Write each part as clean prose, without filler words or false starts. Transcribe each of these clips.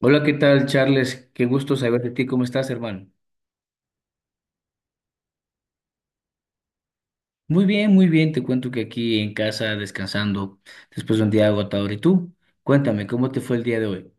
Hola, ¿qué tal, Charles? Qué gusto saber de ti. ¿Cómo estás, hermano? Muy bien, muy bien. Te cuento que aquí en casa descansando después de un día agotador. ¿Y tú? Cuéntame, ¿cómo te fue el día de hoy?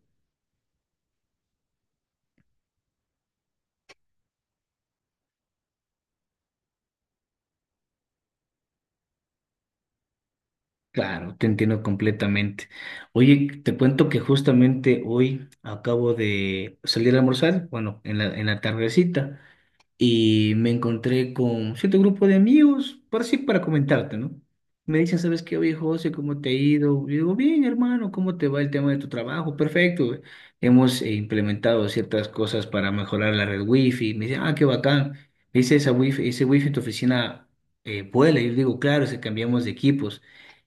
Claro, te entiendo completamente. Oye, te cuento que justamente hoy acabo de salir a almorzar, bueno, en en la tardecita. Y me encontré con cierto grupo de amigos, para sí, para comentarte, ¿no? Me dicen, ¿sabes qué, oye, José, cómo te ha ido? Y digo, bien, hermano, ¿cómo te va el tema de tu trabajo? Perfecto. Hemos implementado ciertas cosas para mejorar la red wifi. Me dicen, ah, qué bacán. Me dice, esa wifi, ese wifi en tu oficina vuela. Y yo digo, claro, se cambiamos de equipos.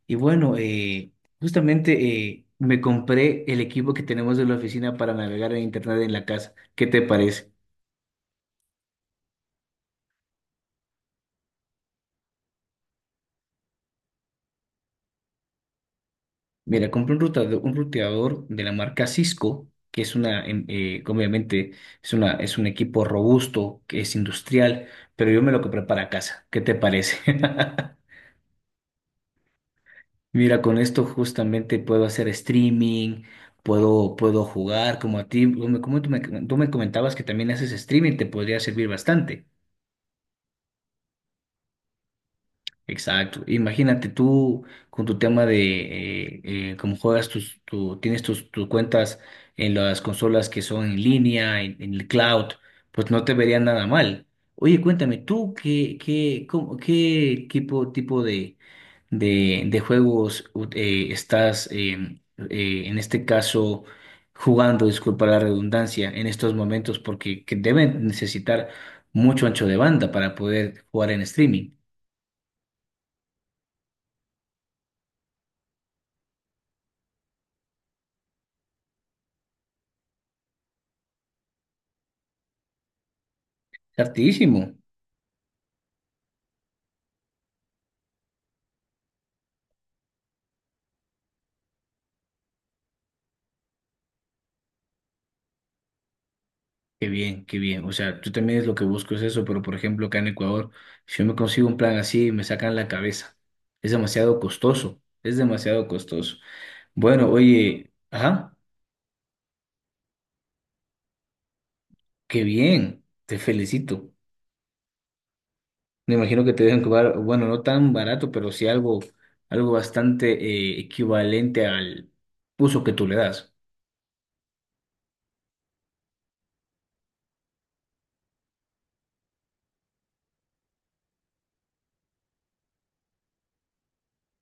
Y bueno, justamente me compré el equipo que tenemos de la oficina para navegar en internet en la casa. ¿Qué te parece? Mira, compré un ruteador de la marca Cisco, que es una, que obviamente, es un equipo robusto, que es industrial, pero yo me lo compré para casa. ¿Qué te parece? Mira, con esto justamente puedo hacer streaming, puedo jugar como a ti, tú me comentabas que también haces streaming, te podría servir bastante. Exacto. Imagínate tú con tu tema de cómo juegas tienes tus cuentas en las consolas que son en línea, en el cloud, pues no te vería nada mal. Oye, cuéntame, ¿tú cómo- qué tipo de, de juegos u- estás en este caso jugando, disculpa la redundancia, en estos momentos? Porque que deben necesitar mucho ancho de banda para poder jugar en streaming. Hartísimo. Qué bien, qué bien. O sea, yo también es lo que busco es eso, pero por ejemplo, acá en Ecuador, si yo me consigo un plan así, me sacan la cabeza. Es demasiado costoso, es demasiado costoso. Bueno, oye, ajá, qué bien, te felicito. Me imagino que te deben cobrar, bueno, no tan barato, pero sí algo, algo bastante equivalente al uso que tú le das.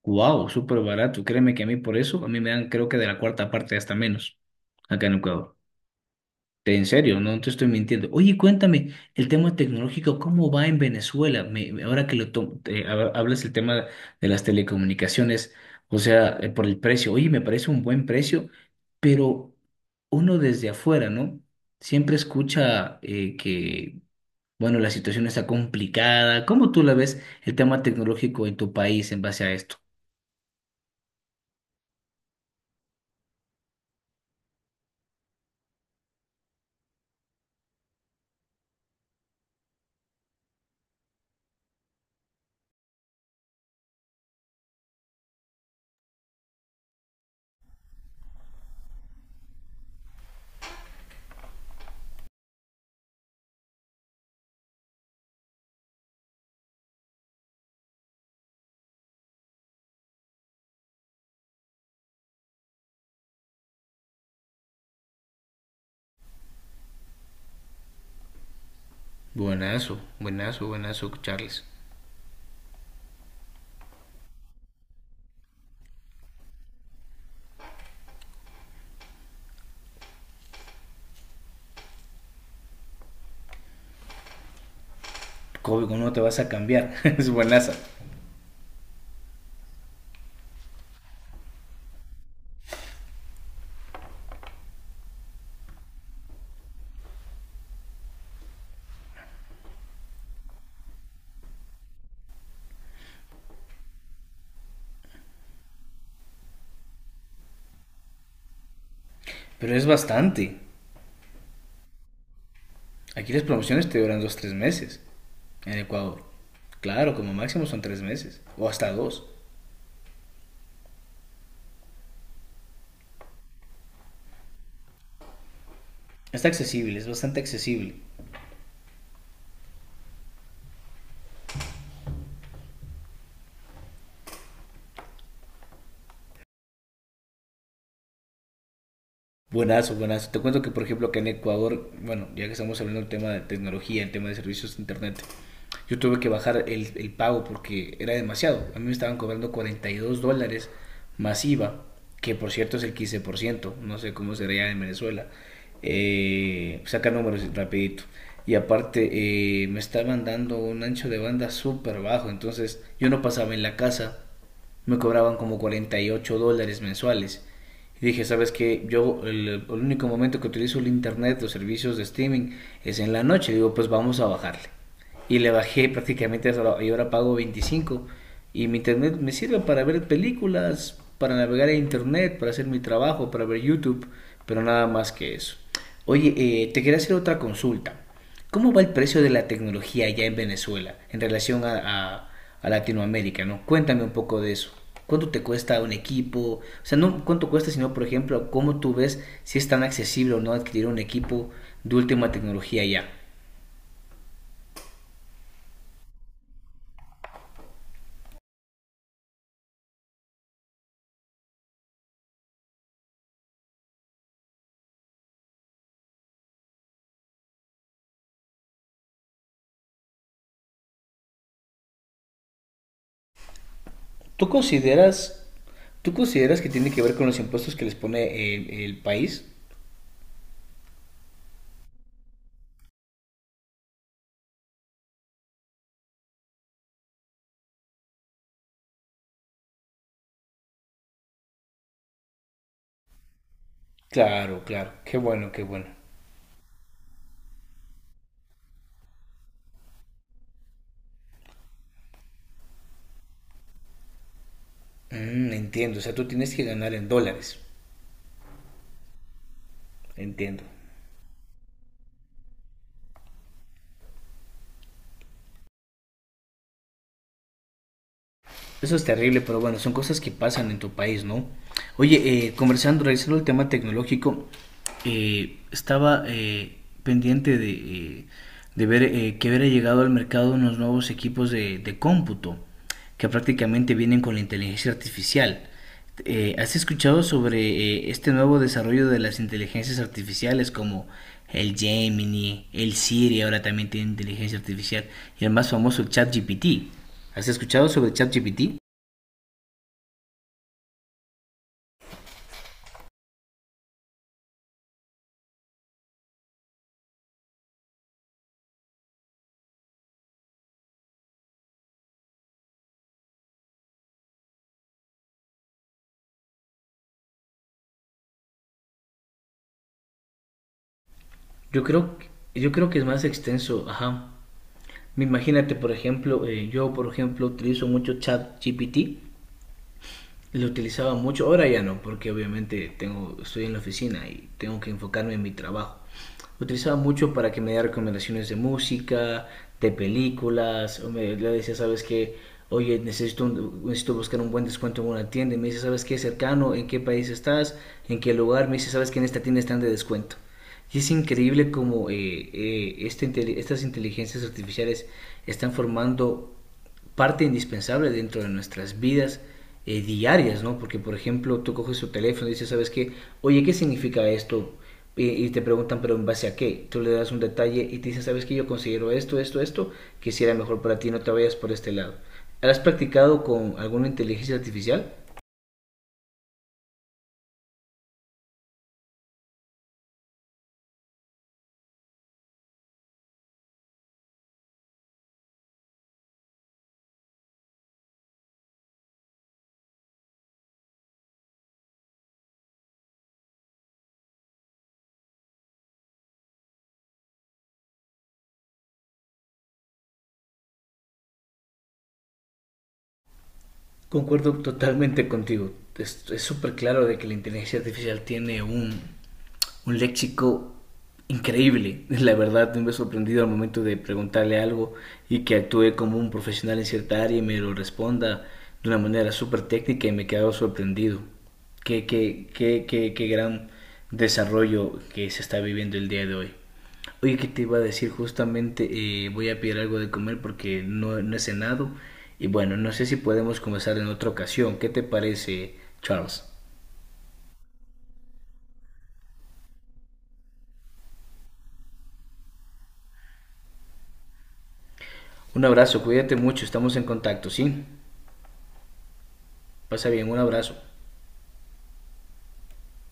Wow, súper barato. Créeme que a mí por eso, a mí me dan creo que de la cuarta parte hasta menos acá en Ecuador. En serio, no te estoy mintiendo. Oye, cuéntame, el tema tecnológico, ¿cómo va en Venezuela? Ahora que lo te hablas el tema de las telecomunicaciones, o sea, por el precio. Oye, me parece un buen precio, pero uno desde afuera, ¿no? Siempre escucha que, bueno, la situación está complicada. ¿Cómo tú la ves el tema tecnológico en tu país en base a esto? Buenazo, buenazo, buenazo, Charles. ¿Cómo, cómo no te vas a cambiar? Es buenaza, pero es bastante. Aquí las promociones te duran dos, tres meses. En Ecuador. Claro, como máximo son tres meses. O hasta dos. Está accesible, es bastante accesible. Buenazo, buenazo. Te cuento que, por ejemplo, que en Ecuador, bueno, ya que estamos hablando del tema de tecnología, el tema de servicios de Internet, yo tuve que bajar el pago porque era demasiado. A mí me estaban cobrando $42 más IVA, que por cierto es el 15%, no sé cómo será ya en Venezuela. Saca números rapidito. Y aparte me estaban dando un ancho de banda súper bajo, entonces yo no pasaba en la casa, me cobraban como $48 mensuales. Y dije, ¿sabes qué? Yo el único momento que utilizo el internet, los servicios de streaming, es en la noche. Digo, pues vamos a bajarle y le bajé prácticamente hasta ahora- y ahora pago 25 y mi internet me sirve para ver películas, para navegar a internet, para hacer mi trabajo, para ver YouTube, pero nada más que eso. Oye, te quería hacer otra consulta. ¿Cómo va el precio de la tecnología allá en Venezuela en relación a- a Latinoamérica, no? Cuéntame un poco de eso. ¿Cuánto te cuesta un equipo? O sea, no cuánto cuesta, sino, por ejemplo, cómo tú ves si es tan accesible o no adquirir un equipo de última tecnología allá. ¿Tú consideras, tú consideras que tiene que ver con los impuestos que les pone el país? Claro, claro. Qué bueno, qué bueno. Mm, entiendo, o sea, tú tienes que ganar en dólares. Entiendo. Eso es terrible, pero bueno, son cosas que pasan en tu país, ¿no? Oye, conversando, revisando el tema tecnológico, estaba pendiente de ver que hubiera llegado al mercado unos nuevos equipos de cómputo que prácticamente vienen con la inteligencia artificial. ¿Has escuchado sobre este nuevo desarrollo de las inteligencias artificiales como el Gemini, el Siri, ahora también tiene inteligencia artificial y el más famoso el ChatGPT? ¿Has escuchado sobre ChatGPT? Yo creo, yo creo que es más extenso, ajá. Imagínate, por ejemplo, yo por ejemplo utilizo mucho ChatGPT. Lo utilizaba mucho, ahora ya no, porque obviamente tengo, estoy en la oficina y tengo que enfocarme en mi trabajo. Lo utilizaba mucho para que me diera recomendaciones de música, de películas, o me, le decía, ¿sabes qué? Oye, necesito, un- necesito buscar un buen descuento en una tienda. Y me dice, ¿sabes qué? Cercano, ¿en qué país estás? ¿En qué lugar? Me dice, ¿sabes qué? En esta tienda están de descuento. Y es increíble cómo esta estas inteligencias artificiales están formando parte indispensable dentro de nuestras vidas diarias, ¿no? Porque, por ejemplo, tú coges tu teléfono y dices, ¿sabes qué? Oye, ¿qué significa esto? Y, te preguntan, ¿pero en base a qué? Tú le das un detalle y te dicen, ¿sabes qué? Yo considero esto, esto, esto, que quisiera mejor para ti, no te vayas por este lado. ¿Has practicado con alguna inteligencia artificial? Concuerdo totalmente contigo. Es súper claro de que la inteligencia artificial tiene un léxico increíble. La verdad, me he sorprendido al momento de preguntarle algo y que actúe como un profesional en cierta área y me lo responda de una manera súper técnica y me he quedado sorprendido. Qué gran desarrollo que se está viviendo el día de hoy. Oye, que te iba a decir justamente, voy a pedir algo de comer porque no, no he cenado. Y bueno, no sé si podemos conversar en otra ocasión. ¿Qué te parece, Charles? Un abrazo, cuídate mucho, estamos en contacto, ¿sí? Pasa bien, un abrazo.